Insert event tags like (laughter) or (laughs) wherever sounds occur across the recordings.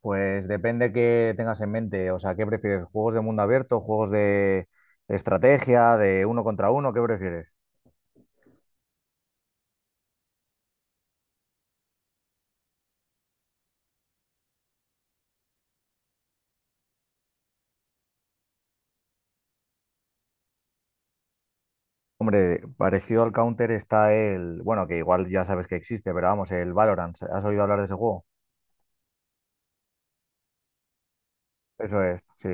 Pues depende qué tengas en mente. O sea, ¿qué prefieres? ¿Juegos de mundo abierto? ¿Juegos de estrategia? ¿De uno contra uno? ¿Qué prefieres? Hombre, parecido al Counter está el, que igual ya sabes que existe, pero vamos, el Valorant. ¿Has oído hablar de ese juego? Eso es, sí.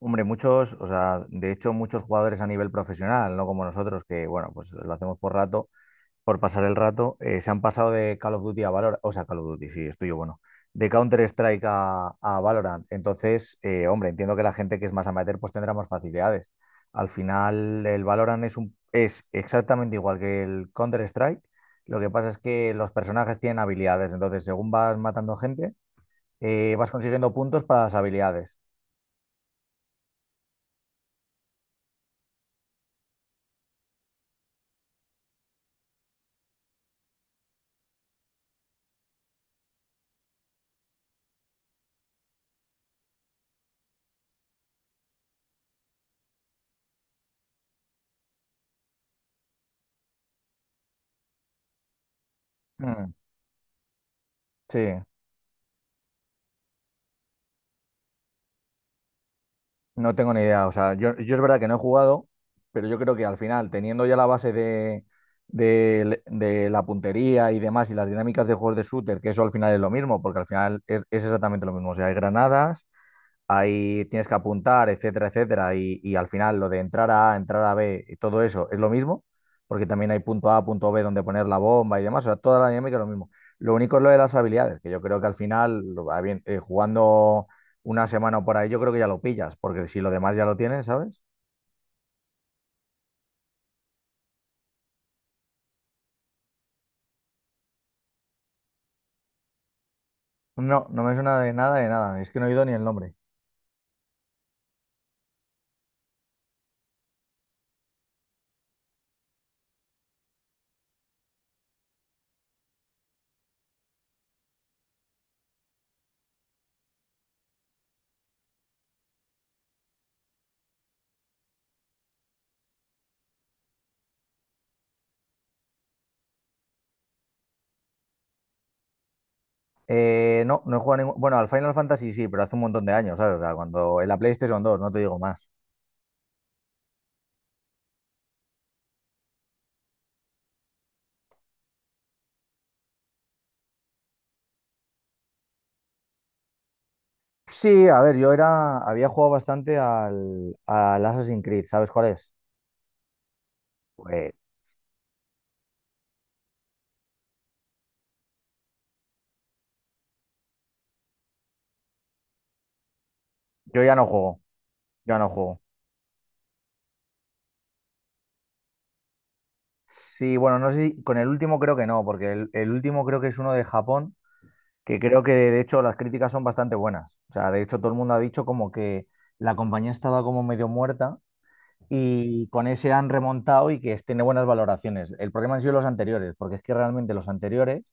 Hombre, muchos, o sea, de hecho muchos jugadores a nivel profesional, no como nosotros, que bueno, pues lo hacemos por pasar el rato, se han pasado de Call of Duty a Valorant, o sea, Call of Duty, sí, estoy yo, bueno, de Counter-Strike a Valorant. Entonces, hombre, entiendo que la gente que es más amateur pues tendrá más facilidades. Al final, el Valorant es, un, es exactamente igual que el Counter-Strike. Lo que pasa es que los personajes tienen habilidades, entonces según vas matando gente, vas consiguiendo puntos para las habilidades. Mm, sí. No tengo ni idea. O sea, yo es verdad que no he jugado, pero yo creo que al final, teniendo ya la base de la puntería y demás, y las dinámicas de juegos de shooter, que eso al final es lo mismo, porque al final es exactamente lo mismo. O sea, hay granadas, ahí tienes que apuntar, etcétera, etcétera, y al final lo de entrar a A, entrar a B y todo eso es lo mismo, porque también hay punto A, punto B donde poner la bomba y demás, o sea, toda la dinámica es lo mismo. Lo único es lo de las habilidades, que yo creo que al final, jugando una semana o por ahí, yo creo que ya lo pillas, porque si lo demás ya lo tienes, ¿sabes? No, no me suena de nada, es que no he oído ni el nombre. No, no he jugado ningún... Bueno, al Final Fantasy sí, pero hace un montón de años, ¿sabes? O sea, cuando en la PlayStation 2, no te digo más. Sí, a ver, yo era, había jugado bastante al Assassin's Creed, ¿sabes cuál es? Pues yo ya no juego, ya no juego. Sí, bueno, no sé si con el último, creo que no, porque el último creo que es uno de Japón, que creo que de hecho las críticas son bastante buenas. O sea, de hecho todo el mundo ha dicho como que la compañía estaba como medio muerta, y con ese han remontado y que es- tiene buenas valoraciones. El problema han sido los anteriores, porque es que realmente los anteriores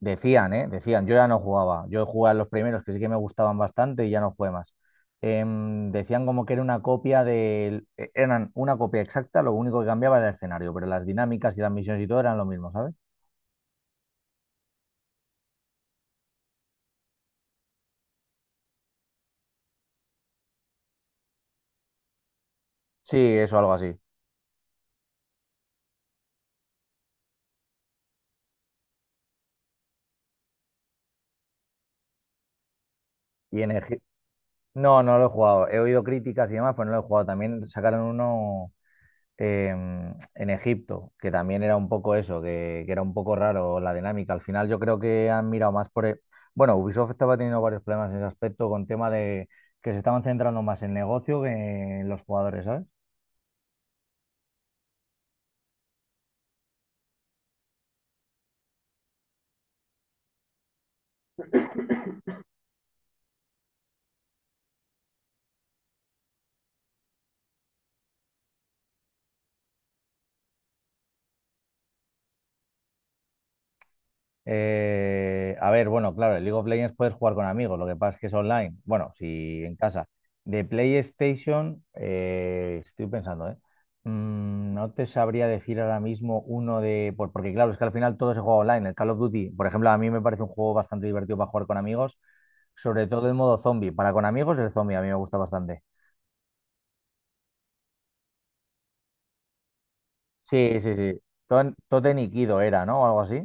decían, ¿eh? Decían, yo ya no jugaba. Yo jugaba en los primeros, que sí que me gustaban bastante, y ya no jugué más. Decían como que era una copia del... e- Eran una copia exacta, lo único que cambiaba era el escenario, pero las dinámicas y las misiones y todo eran lo mismo, ¿sabes? Sí, eso, algo así. Y en Egip- No, no lo he jugado. He oído críticas y demás, pero no lo he jugado. También sacaron uno, en Egipto, que también era un poco eso, que era un poco raro la dinámica. Al final yo creo que han mirado más por... el- Bueno, Ubisoft estaba teniendo varios problemas en ese aspecto, con tema de que se estaban centrando más en negocio que en los jugadores, ¿sabes? A ver, bueno, claro, el League of Legends puedes jugar con amigos, lo que pasa es que es online. Bueno, si en casa. De PlayStation, estoy pensando, ¿eh? Mm, no te sabría decir ahora mismo uno Porque claro, es que al final todo se juega online. El Call of Duty, por ejemplo, a mí me parece un juego bastante divertido para jugar con amigos, sobre todo el modo zombie. Para con amigos, el zombie a mí me gusta bastante. Sí, sí, sí. Totem y Kido era, ¿no? O algo así.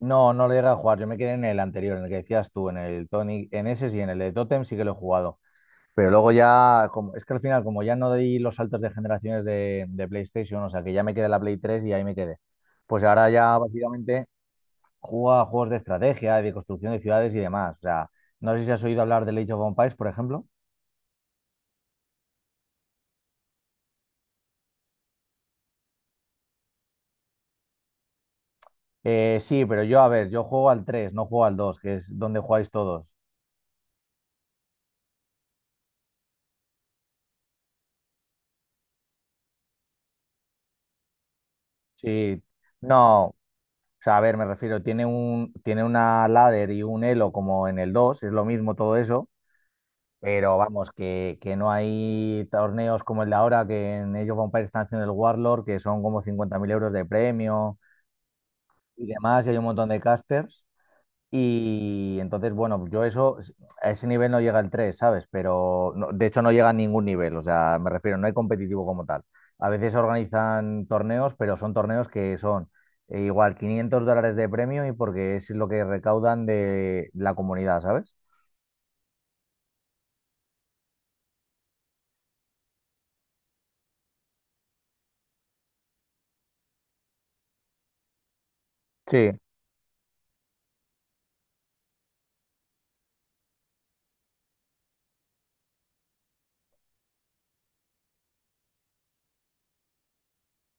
No, no lo llegué a jugar. Yo me quedé en el anterior, en el que decías tú, en el Tony, en ese sí, en el de Totem sí que lo he jugado. Pero luego ya, como, es que al final, como ya no di los saltos de generaciones de PlayStation, o sea que ya me quedé en la Play tres y ahí me quedé. Pues ahora ya básicamente juego a juegos de estrategia, de construcción de ciudades y demás. O sea, no sé si has oído hablar del Age of Empires, por ejemplo. Sí, pero yo, a ver, yo juego al 3, no juego al 2, que es donde jugáis todos. Sí, no. O sea, a ver, me refiero, tiene una ladder y un elo, como en el dos, es lo mismo todo eso, pero vamos, que no hay torneos como el de ahora, que en Age of Empires están haciendo el Warlord, que son como 50.000 euros de premio y demás, y hay un montón de casters, y entonces, bueno, yo eso, a ese nivel no llega el tres, ¿sabes? Pero no, de hecho no llega a ningún nivel, o sea, me refiero, no hay competitivo como tal. A veces organizan torneos, pero son torneos que son igual 500 dólares de premio, y porque es lo que recaudan de la comunidad, ¿sabes? Sí.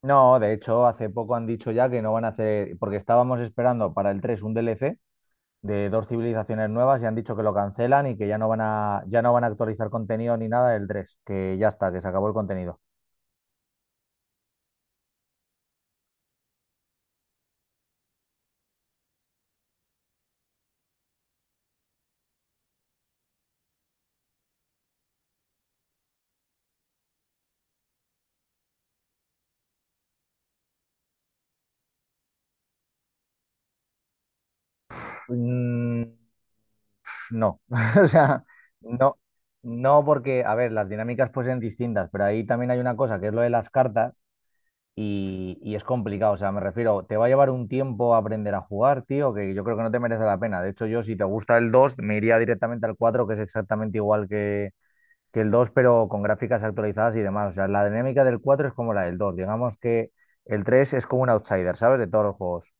No, de hecho, hace poco han dicho ya que no van a hacer, porque estábamos esperando para el 3 un DLC de dos civilizaciones nuevas, y han dicho que lo cancelan y que ya no van a actualizar contenido ni nada del tres, que ya está, que se acabó el contenido. Mm, no, (laughs) o sea, no, no porque, a ver, las dinámicas pues son distintas, pero ahí también hay una cosa que es lo de las cartas, y es complicado, o sea, me refiero, te va a llevar un tiempo aprender a jugar, tío, que yo creo que no te merece la pena. De hecho, yo si te gusta el 2 me iría directamente al cuatro, que es exactamente igual que el dos, pero con gráficas actualizadas y demás. O sea, la dinámica del 4 es como la del dos. Digamos que el 3 es como un outsider, ¿sabes? De todos los juegos.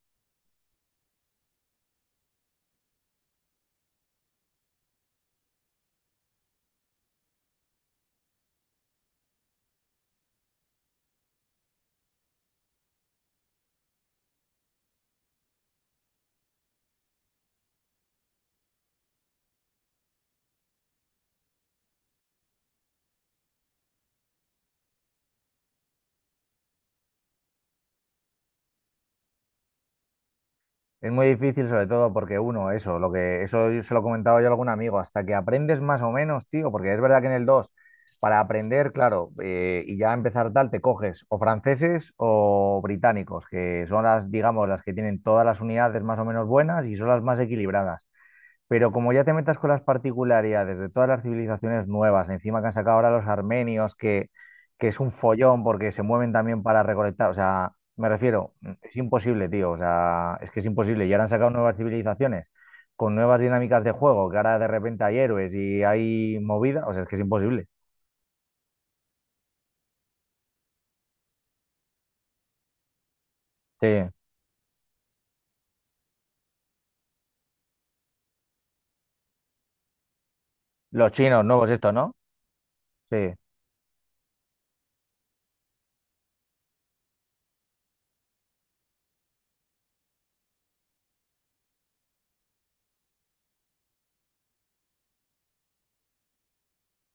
Es muy difícil, sobre todo porque uno, eso, lo que eso yo se lo comentaba yo a algún amigo, hasta que aprendes más o menos, tío, porque es verdad que en el 2 para aprender, claro, y ya empezar tal, te coges o franceses o británicos, que son las, digamos, las que tienen todas las unidades más o menos buenas y son las más equilibradas. Pero como ya te metas con las particularidades de todas las civilizaciones nuevas, encima que han sacado ahora los armenios, que es un follón porque se mueven también para recolectar, o sea, me refiero, es imposible, tío, o sea, es que es imposible. Y ahora han sacado nuevas civilizaciones con nuevas dinámicas de juego, que ahora de repente hay héroes y hay movida, o sea, es que es imposible. Sí, los chinos nuevos esto, ¿no? Sí.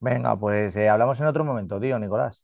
Venga, pues hablamos en otro momento, tío, Nicolás.